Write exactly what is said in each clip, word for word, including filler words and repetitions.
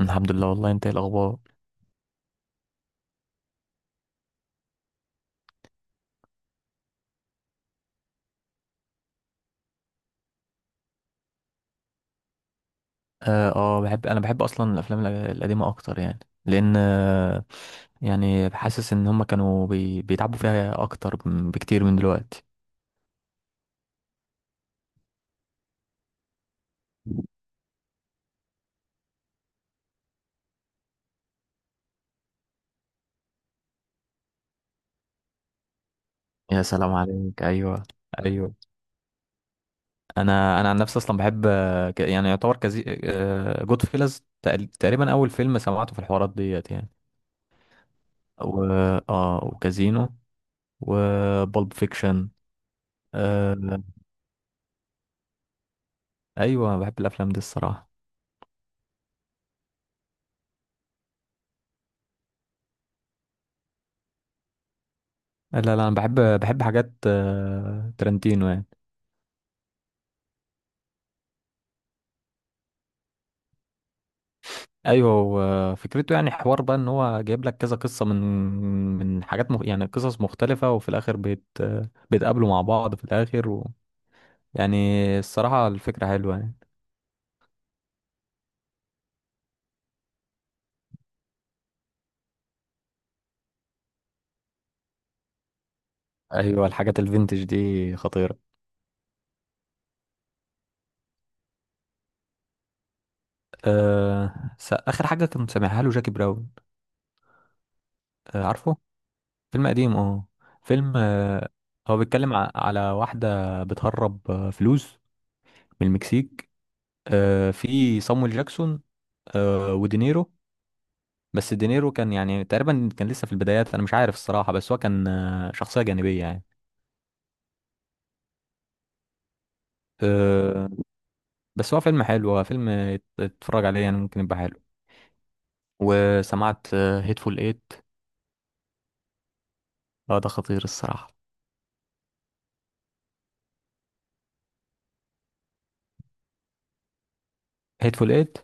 الحمد لله. والله انت ايه الاخبار؟ اه آه، بحب انا بحب اصلا الافلام الأ- القديمه اكتر يعني، لان آه، يعني حاسس ان هم كانوا بي... بيتعبوا فيها اكتر م- بكتير من دلوقتي. يا سلام عليك، ايوه. ايوه. انا انا عن نفسي اصلا بحب، آه، ك- يعني يعتبر كزي جود فيلز تقريبا اول فيلم سمعته في الحوارات ديت يعني. و... اه، وكازينو وبولب فيكشن. آه... ايوه، بحب الافلام دي الصراحه. لا لا، انا بحب، بحب حاجات آه، ترنتينو يعني. ايوه، هو فكرته يعني حوار بقى ان هو جايب لك كذا قصه من، من حاجات مخ... يعني قصص مختلفه، وفي الاخر بيت... آه، بيتقابلوا مع بعض في الاخر و... يعني. الصراحه الفكره حلوه يعني. ايوه، الحاجات الفينتج دي خطيره. أه... س... اخر حاجه كنت سامعها له جاكي براون. أه عارفه. فيلم قديم اه. فيلم أه... هو بيتكلم ع... على واحده بتهرب آه، فلوس من المكسيك. آه، في صامويل جاكسون، آه، ودينيرو. بس دينيرو كان يعني تقريبا كان لسه في البدايات، انا مش عارف الصراحة، بس هو كان آه، شخصية جانبية يعني. آه، بس هو فيلم حلو، هو فيلم يت- تتفرج عليه يعني، ممكن يبقى حلو. وسمعت هيتفول ايت. اه، ده خطير الصراحة. هيتفول ايت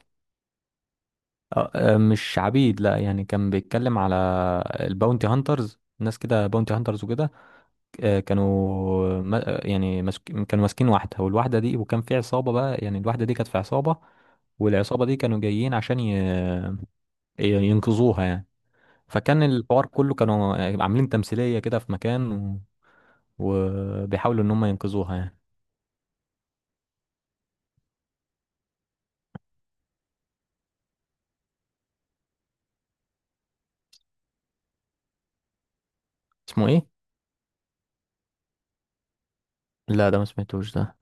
مش عبيد، لا، يعني كان بيتكلم على الباونتي هانترز، ناس كده باونتي هانترز وكده. آه، كانوا ما- آه، يعني مسك... كانوا ماسكين واحدة، والواحدة دي وكان في عصابة بقى، يعني الواحدة دي كانت في عصابة، والعصابة دي كانوا جايين عشان ي... ينقذوها يعني. فكان الحوار كله كانوا عاملين تمثيلية كده في مكان و... وبيحاولوا ان هم ينقذوها يعني. اسمه ايه؟ لا ده ما سمعتوش ده.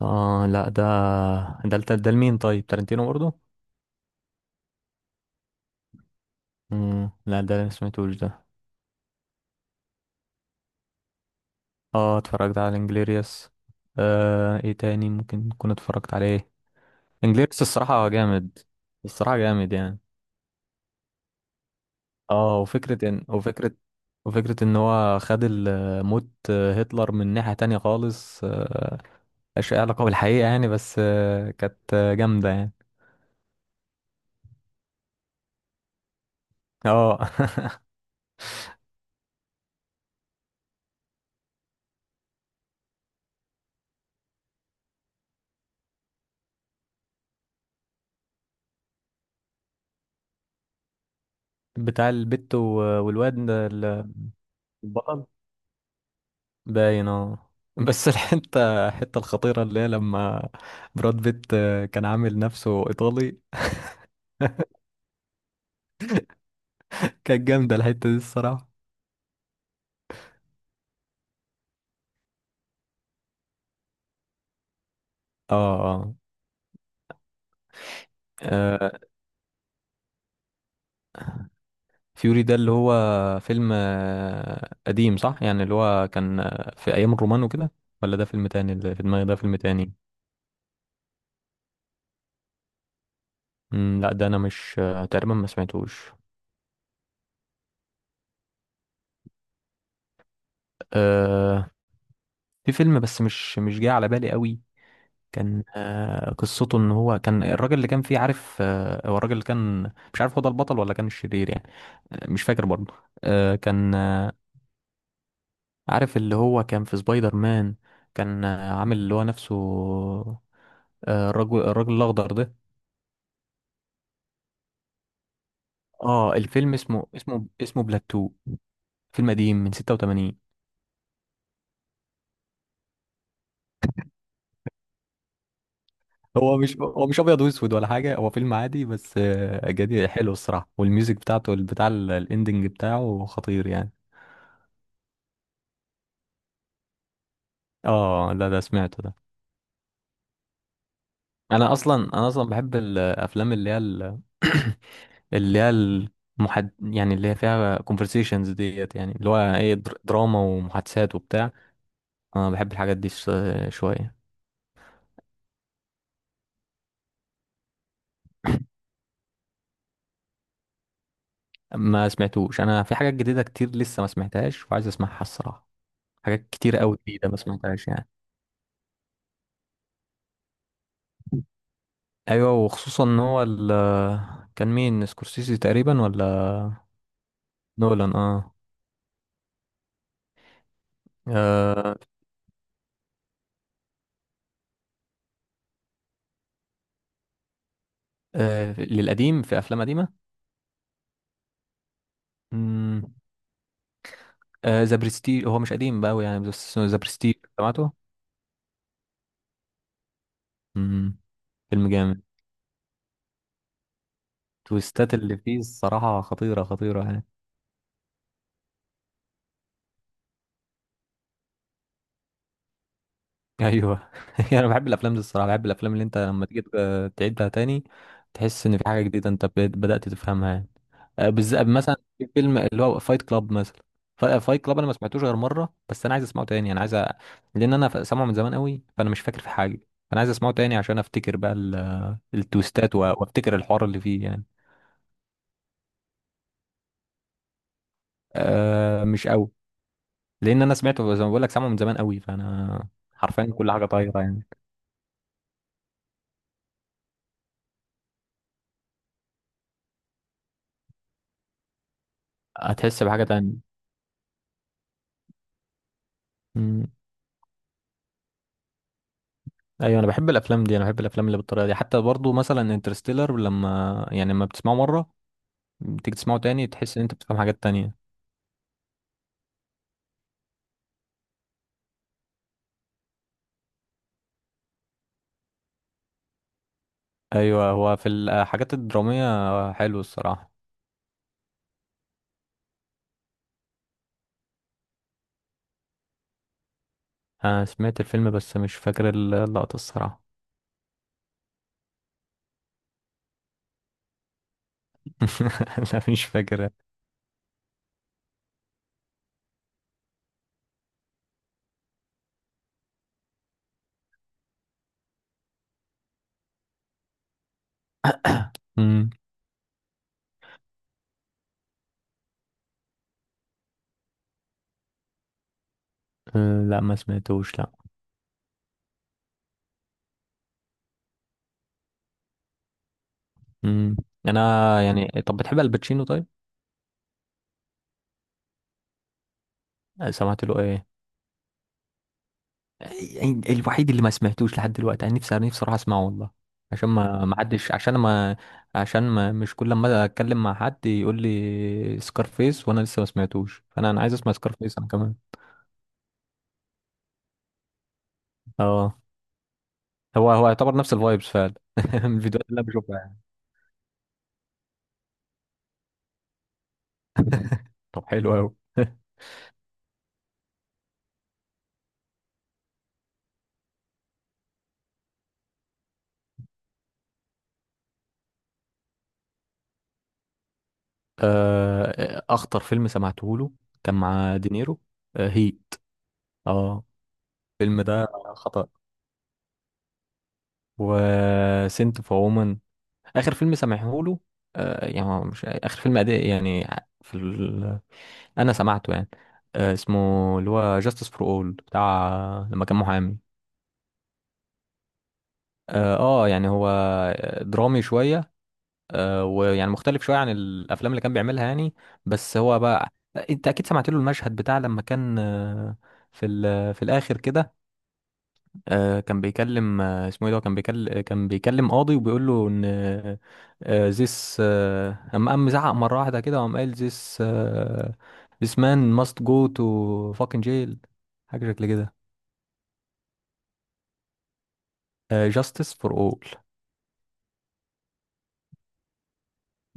اه لا، ده ده ده, ده لمين؟ طيب تارنتينو برضو؟ مم. لا ده ما سمعتوش ده. اه، اتفرجت على انجليريوس. آه ايه تاني ممكن اكون اتفرجت عليه؟ انجليريوس الصراحة جامد، الصراحة جامد يعني. اه، وفكرة ان وفكرة وفكرة ان هو خد ال- موت هتلر من ناحية تانية خالص، ملهاش أي علاقة بالحقيقة يعني، بس آه، كانت آه، جامدة يعني. اه بتاع البت و- والواد ده ال- البطل باين اه. بس الحتة الحتة الخطيرة اللي هي لما براد بيت آه، كان عامل نفسه إيطالي. كانت جامدة الحتة دي الصراحة. اه. اه آه، فيوري ده اللي هو فيلم آه، قديم صح؟ يعني اللي هو كان آه، في أيام الرومان وكده، ولا ده فيلم تاني؟ اللي في دماغي ده فيلم تاني. مم، لا ده أنا مش آه، تقريبا ما سمعتوش. أه في فيلم بس مش، مش جاي على بالي قوي. كان آه، قصته ان هو كان الراجل اللي كان فيه، عارف آه، هو الراجل اللي كان، مش عارف هو ده البطل ولا كان الشرير يعني. آه، مش فاكر برضه. آه، كان آه، عارف اللي هو كان في سبايدر مان، كان آه، عامل اللي هو نفسه آه، الرجل الراجل الاخضر ده. اه الفيلم اسمه اسمه اسمه بلاتو، فيلم قديم من ستة وتمانين. هو مش هو مش ابيض واسود ولا حاجه، هو فيلم عادي بس آه، جديد حلو الصراحه، والميوزك بتاعته بتاع الاندنج بتاعه خطير يعني. اه لا ده سمعته ده. انا اصلا انا اصلا بحب الافلام اللي هي ال- اللي هي المحد يعني، اللي هي فيها كونفرسيشنز ديت، يعني اللي هو ايه، در- دراما ومحادثات وبتاع. انا بحب الحاجات دي ش- شويه. ما سمعتوش، انا في حاجات جديده كتير لسه ما سمعتهاش وعايز اسمعها الصراحه. حاجات كتير قوي جديده ما سمعتهاش يعني. ايوه، وخصوصا ان هو ال، كان مين سكورسيزي تقريبا ولا؟ نولان اه. آه, آه للقديم، في افلام قديمه. امم. آه ذا برستيج، هو مش قديم بقى أوي يعني، بس اسمه ذا برستيج، سمعته؟ امم. فيلم جامد. التويستات اللي فيه الصراحه خطيره، خطيره يعني. ايوه انا بحب الافلام دي الصراحه، بحب الافلام اللي انت لما تيجي ت- تعيدها تاني، تحس ان في حاجه جديده انت بد- بدات تفهمها يعني. آه، بالذات مثلا في فيلم اللي هو فايت كلاب مثلا. فايت كلاب انا ما سمعتوش غير مره، بس انا عايز اسمعه تاني، انا عايز أ... لان انا ف- سامعه من زمان قوي، فانا مش فاكر في حاجه، فانا عايز اسمعه تاني عشان افتكر بقى ال- التويستات و- وافتكر الحوار اللي فيه يعني. أه مش قوي، لان انا سمعته زي ما بقول لك، سامعه من زمان قوي، فانا حرفيا كل حاجه طايره يعني. هتحس بحاجه تانية. ايوه انا بحب الافلام دي، انا بحب الافلام اللي بالطريقه دي. حتى برضو مثلا انترستيلر، لما يعني لما بتسمعه مره، بتيجي تسمعه تاني تحس ان انت بتفهم حاجات تانية. ايوه، هو في الحاجات الدراميه حلو الصراحه. انا سمعت الفيلم بس مش فاكر اللقطه الصراحه. لا مش فاكر. امم. لا ما سمعتوش لا. امم. انا، يعني طب بتحب الباتشينو طيب؟ سمعت له ايه؟ يعني الوحيد اللي ما سمعتوش لحد دلوقتي، انا نفسي، انا نفسي اروح اسمعه والله. عشان ما ما حدش، عشان ما، عشان ما، مش كل ما اتكلم مع حد يقول لي سكارفيس وانا لسه ما سمعتوش، فانا، انا عايز اسمع سكارفيس انا كمان. اه. هو هو يعتبر نفس الفايبس فعلا من الفيديوهات اللي انا بشوفها يعني. طب حلو قوي آه، اخطر فيلم سمعته له كان مع دينيرو. آه، هي. اه. الفيلم ده خطأ. وسنت فور اخر فيلم سامعهوله. آه يعني هو مش اخر فيلم أداء يعني، في ال... انا سمعته يعني. آه اسمه اللي هو جاستس فور اول، بتاع لما كان محامي. اه آه، يعني هو درامي شويه، آه ويعني مختلف شويه عن الافلام اللي كان بيعملها يعني. بس هو بقى آه، انت اكيد سمعت له المشهد بتاع لما كان آه، في ال... في الاخر كده، آه كان بيكلم، آه اسمه ايه ده كان بيكلم كان بيكلم قاضي وبيقول له ان آه آه، this آه اما قام زعق مره واحده كده وقام قال this آه this man must go to fucking jail، حاجه شكل كده. آه justice for all.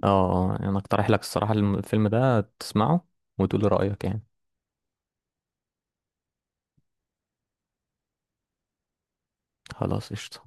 اه آه، انا اقترح لك الصراحه الم- الفيلم ده تسمعه وتقول لي رايك يعني. خلاص قشطه.